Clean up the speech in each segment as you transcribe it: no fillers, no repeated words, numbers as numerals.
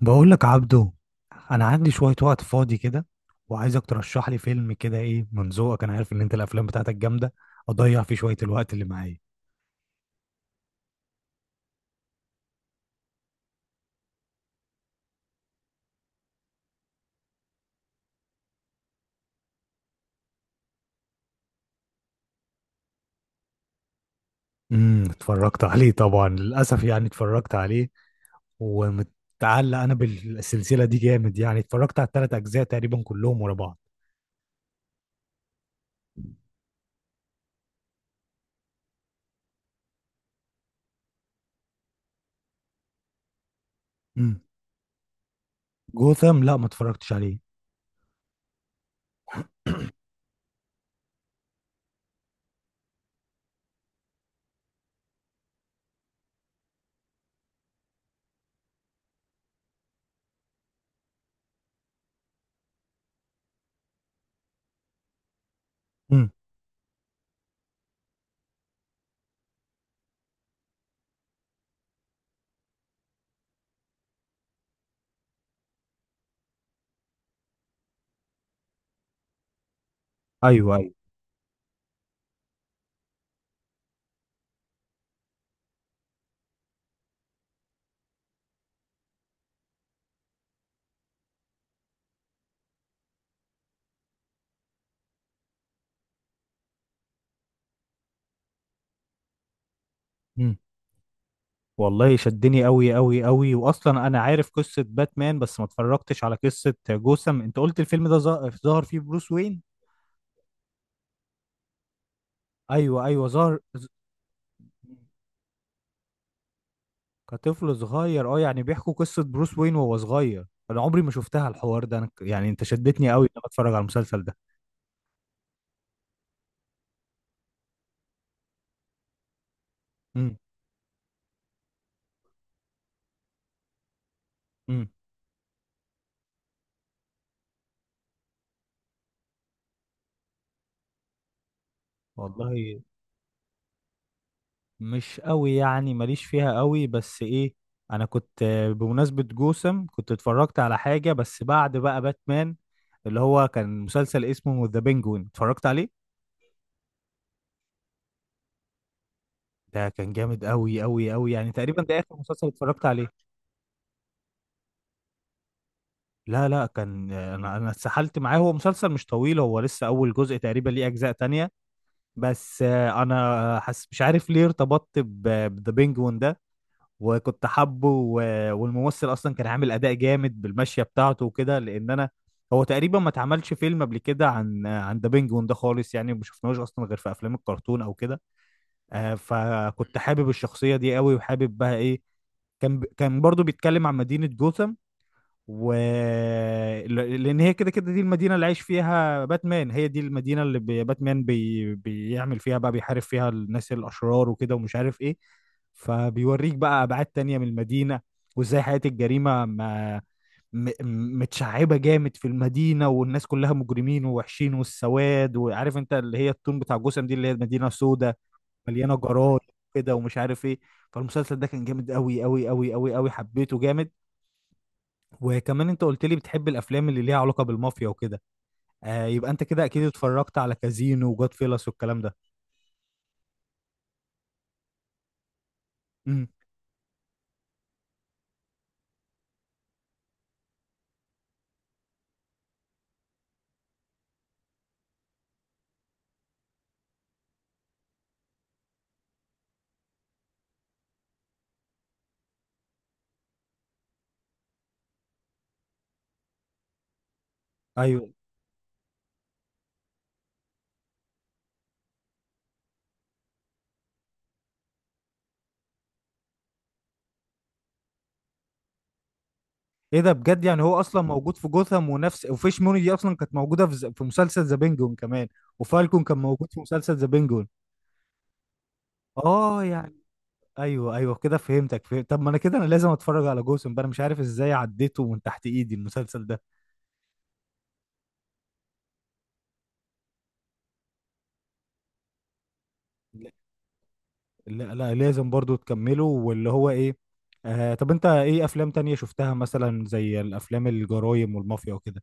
بقول لك عبدو، انا عندي شويه وقت فاضي كده وعايزك ترشح لي فيلم كده، ايه من ذوقك. انا عارف ان انت الافلام بتاعتك جامده. اضيع فيه شويه الوقت اللي معايا. اتفرجت عليه طبعا، للاسف يعني اتفرجت عليه ومتعلق انا بالسلسله دي جامد، يعني اتفرجت على الثلاث اجزاء تقريبا كلهم ورا بعض. امم جوثام لا، ما اتفرجتش عليه. امم. ايوه، ايوه. والله شدني قوي قوي قوي، واصلا انا عارف قصه باتمان بس ما اتفرجتش على قصه جوثام. انت قلت الفيلم ده ظهر فيه بروس وين؟ ايوه، ايوه ظهر كطفل صغير. اه، يعني بيحكوا قصه بروس وين وهو صغير. انا عمري ما شفتها الحوار ده. يعني انت شدتني قوي ان انا اتفرج على المسلسل ده. امم. امم. والله مش قوي يعني، ماليش فيها قوي، بس ايه، انا كنت بمناسبه جوثام كنت اتفرجت على حاجه بس بعد بقى باتمان، اللي هو كان مسلسل اسمه ذا بينجوين اتفرجت عليه. ده كان جامد قوي قوي قوي، يعني تقريبا ده اخر مسلسل اتفرجت عليه. لا لا كان، انا اتسحلت معاه. هو مسلسل مش طويل، هو لسه اول جزء، تقريبا ليه اجزاء تانية. بس انا حس مش عارف ليه ارتبطت بذا بينجوين ده، وكنت حابه، والممثل اصلا كان عامل اداء جامد بالمشية بتاعته وكده، لان انا هو تقريبا ما اتعملش فيلم قبل كده عن ذا بينجوين ده خالص، يعني ما شفناهوش اصلا غير في افلام الكرتون او كده. فكنت حابب الشخصية دي قوي، وحابب بقى ايه، كان برضو بيتكلم عن مدينة جوثام. و لأن هي كده كده دي المدينة اللي عايش فيها باتمان، هي دي المدينة اللي باتمان بيعمل فيها بقى، بيحارب فيها الناس الأشرار وكده ومش عارف ايه. فبيوريك بقى أبعاد تانية من المدينة، وازاي حياة الجريمة ما... متشعبة جامد في المدينة، والناس كلها مجرمين ووحشين والسواد، وعارف انت اللي هي التون بتاع جوثام دي اللي هي مدينة سودة مليانه جرايم كده ومش عارف ايه. فالمسلسل ده كان جامد قوي قوي قوي قوي قوي، حبيته جامد. وكمان انت قلت لي بتحب الافلام اللي ليها علاقه بالمافيا وكده، آه يبقى انت كده اكيد اتفرجت على كازينو وجود فيلس والكلام ده. امم. ايوه. ايه ده بجد؟ يعني هو اصلا موجود في جوثام، ونفس وفيش موني دي اصلا كانت موجوده في في مسلسل ذا بينجون كمان، وفالكون كان موجود في مسلسل ذا بينجون. اه. يعني ايوه، ايوه كده فهمتك، فهمت. طب ما انا كده انا لازم اتفرج على جوثام بقى، انا مش عارف ازاي عديته من تحت ايدي المسلسل ده. لا لا لازم برضو تكمله واللي هو ايه. آه طب انت ايه افلام تانية شفتها مثلا زي الافلام الجرايم والمافيا وكده؟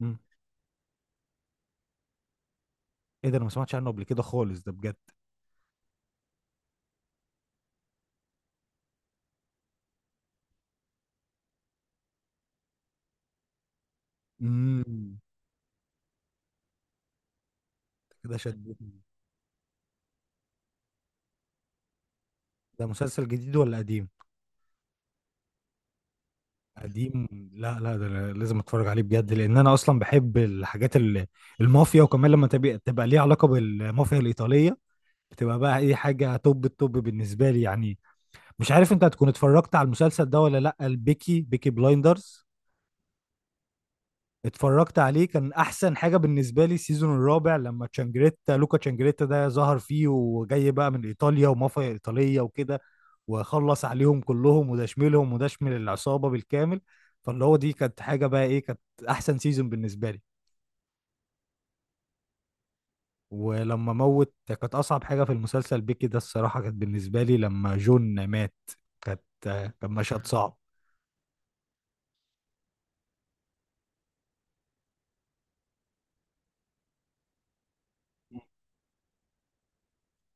مم. ايه ده؟ انا ما سمعتش عنه قبل كده خالص ده بجد. امم. كده شدتني. ده مسلسل جديد ولا قديم؟ قديم. لا لا ده أنا لازم اتفرج عليه بجد، لان انا اصلا بحب الحاجات المافيا، وكمان لما تبقى ليها علاقة بالمافيا الايطالية، بتبقى بقى اي حاجة توب التوب بالنسبة لي يعني. مش عارف انت هتكون اتفرجت على المسلسل ده ولا لا، البيكي بلايندرز. اتفرجت عليه، كان احسن حاجه بالنسبه لي السيزون الرابع لما تشانجريتا، لوكا تشانجريتا ده ظهر فيه وجاي بقى من ايطاليا ومافيا ايطاليه وكده، وخلص عليهم كلهم، وده شملهم وده شمل العصابه بالكامل. فاللي هو دي كانت حاجه بقى، ايه كانت احسن سيزون بالنسبه لي. ولما موت كانت اصعب حاجه في المسلسل بيكي ده، الصراحه كانت بالنسبه لي لما جون مات، كانت كان مشهد صعب.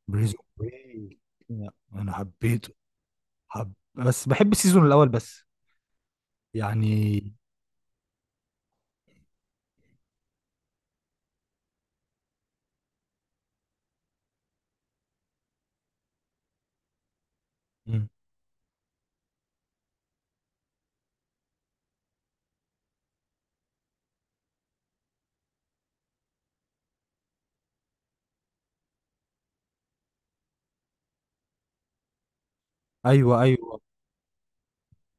بريزون بريك انا حبيته، حب بس بحب السيزون الاول بس، يعني. مم. ايوه، ايوه.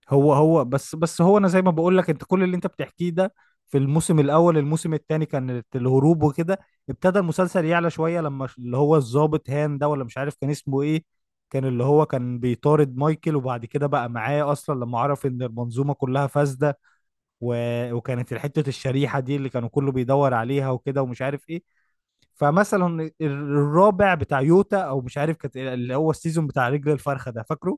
هو بس هو انا زي ما بقول لك، انت كل اللي انت بتحكيه ده في الموسم الاول. الموسم الثاني كان الهروب وكده. ابتدى المسلسل يعلى شويه لما اللي هو الضابط هان ده، ولا مش عارف كان اسمه ايه، كان اللي هو كان بيطارد مايكل، وبعد كده بقى معاه اصلا لما عرف ان المنظومه كلها فاسده، و... وكانت حته الشريحه دي اللي كانوا كله بيدور عليها وكده ومش عارف ايه. فمثلا الرابع بتاع يوتا او مش عارف، كانت اللي هو السيزون بتاع رجل الفرخه ده، فاكره.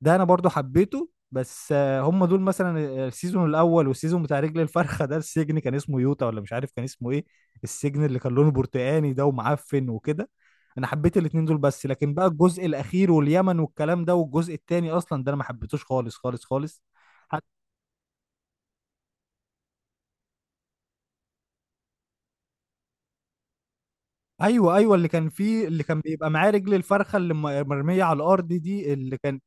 ده انا برضو حبيته، بس هم دول مثلا السيزون الاول والسيزون بتاع رجل الفرخه ده، السجن كان اسمه يوتا ولا مش عارف كان اسمه ايه، السجن اللي كان لونه برتقاني ده ومعفن وكده. انا حبيت الاتنين دول، بس لكن بقى الجزء الاخير واليمن والكلام ده والجزء التاني اصلا ده انا ما حبيتوش خالص خالص خالص. حت- ايوه، ايوه اللي كان فيه، اللي كان بيبقى معاه رجل الفرخه اللي مرميه على الارض دي اللي كان،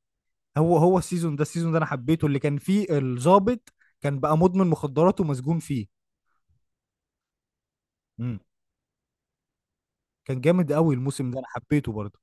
هو السيزون ده، السيزون ده انا حبيته، اللي كان فيه الضابط كان بقى مدمن مخدرات ومسجون فيه. مم. كان جامد قوي الموسم ده، انا حبيته برضه.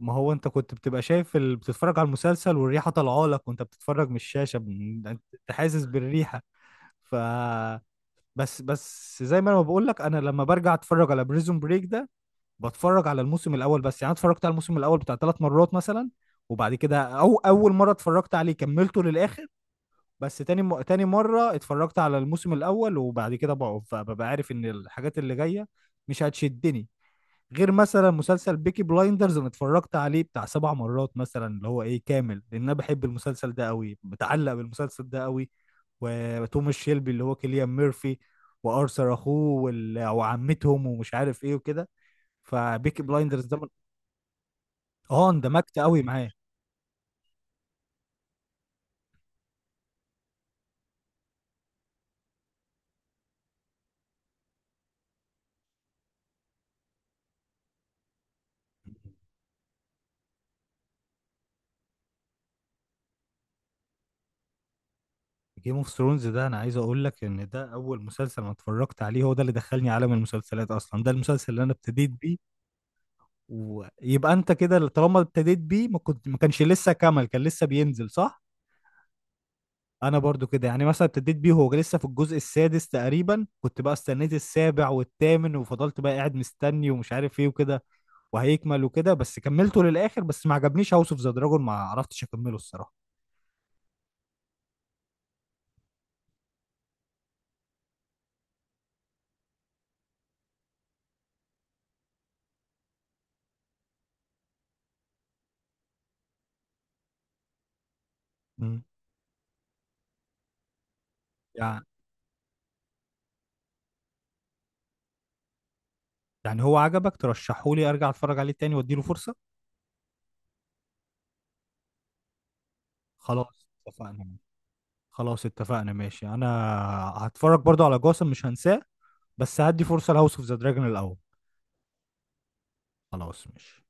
ما هو انت كنت بتبقى شايف بتتفرج على المسلسل والريحه طالعه لك وانت بتتفرج من الشاشه انت حاسس بالريحه. ف بس زي ما انا بقول لك، انا لما برجع اتفرج على بريزون بريك ده، بتفرج على الموسم الاول بس يعني. أنا اتفرجت على الموسم الاول بتاع ثلاث مرات مثلا، وبعد كده، او اول مره اتفرجت عليه كملته للاخر، بس تاني تاني مره اتفرجت على الموسم الاول، وبعد كده ببقى عارف ان الحاجات اللي جايه مش هتشدني. غير مثلا مسلسل بيكي بلايندرز انا اتفرجت عليه بتاع سبع مرات مثلا، اللي هو ايه كامل، لان انا بحب المسلسل ده قوي، متعلق بالمسلسل ده قوي. وتوماس شيلبي اللي هو كيليان ميرفي، وارثر اخوه وعمتهم ومش عارف ايه وكده. فبيكي بلايندرز ده من... اه اندمجت قوي معاه. جيم اوف ثرونز ده انا عايز اقول لك ان ده اول مسلسل انا اتفرجت عليه، هو ده اللي دخلني عالم المسلسلات اصلا، ده المسلسل اللي انا ابتديت بيه. ويبقى انت كده طالما ابتديت بيه، ما كنت ما كانش لسه كمل، كان لسه بينزل، صح؟ انا برضو كده يعني، مثلا ابتديت بيه هو لسه في الجزء السادس تقريبا، كنت بقى استنيت السابع والثامن، وفضلت بقى قاعد مستني ومش عارف ايه وكده، وهيكمل وكده، بس كملته للاخر، بس ما عجبنيش هاوس اوف ذا دراجون، ما عرفتش اكمله الصراحه. مم. يعني يعني هو عجبك ترشحه لي، ارجع اتفرج عليه تاني واديله فرصة. خلاص اتفقنا. خلاص اتفقنا ماشي. انا هتفرج برضو على جاسم مش هنساه، بس هدي فرصة لهاوس اوف ذا دراجون الاول. خلاص ماشي.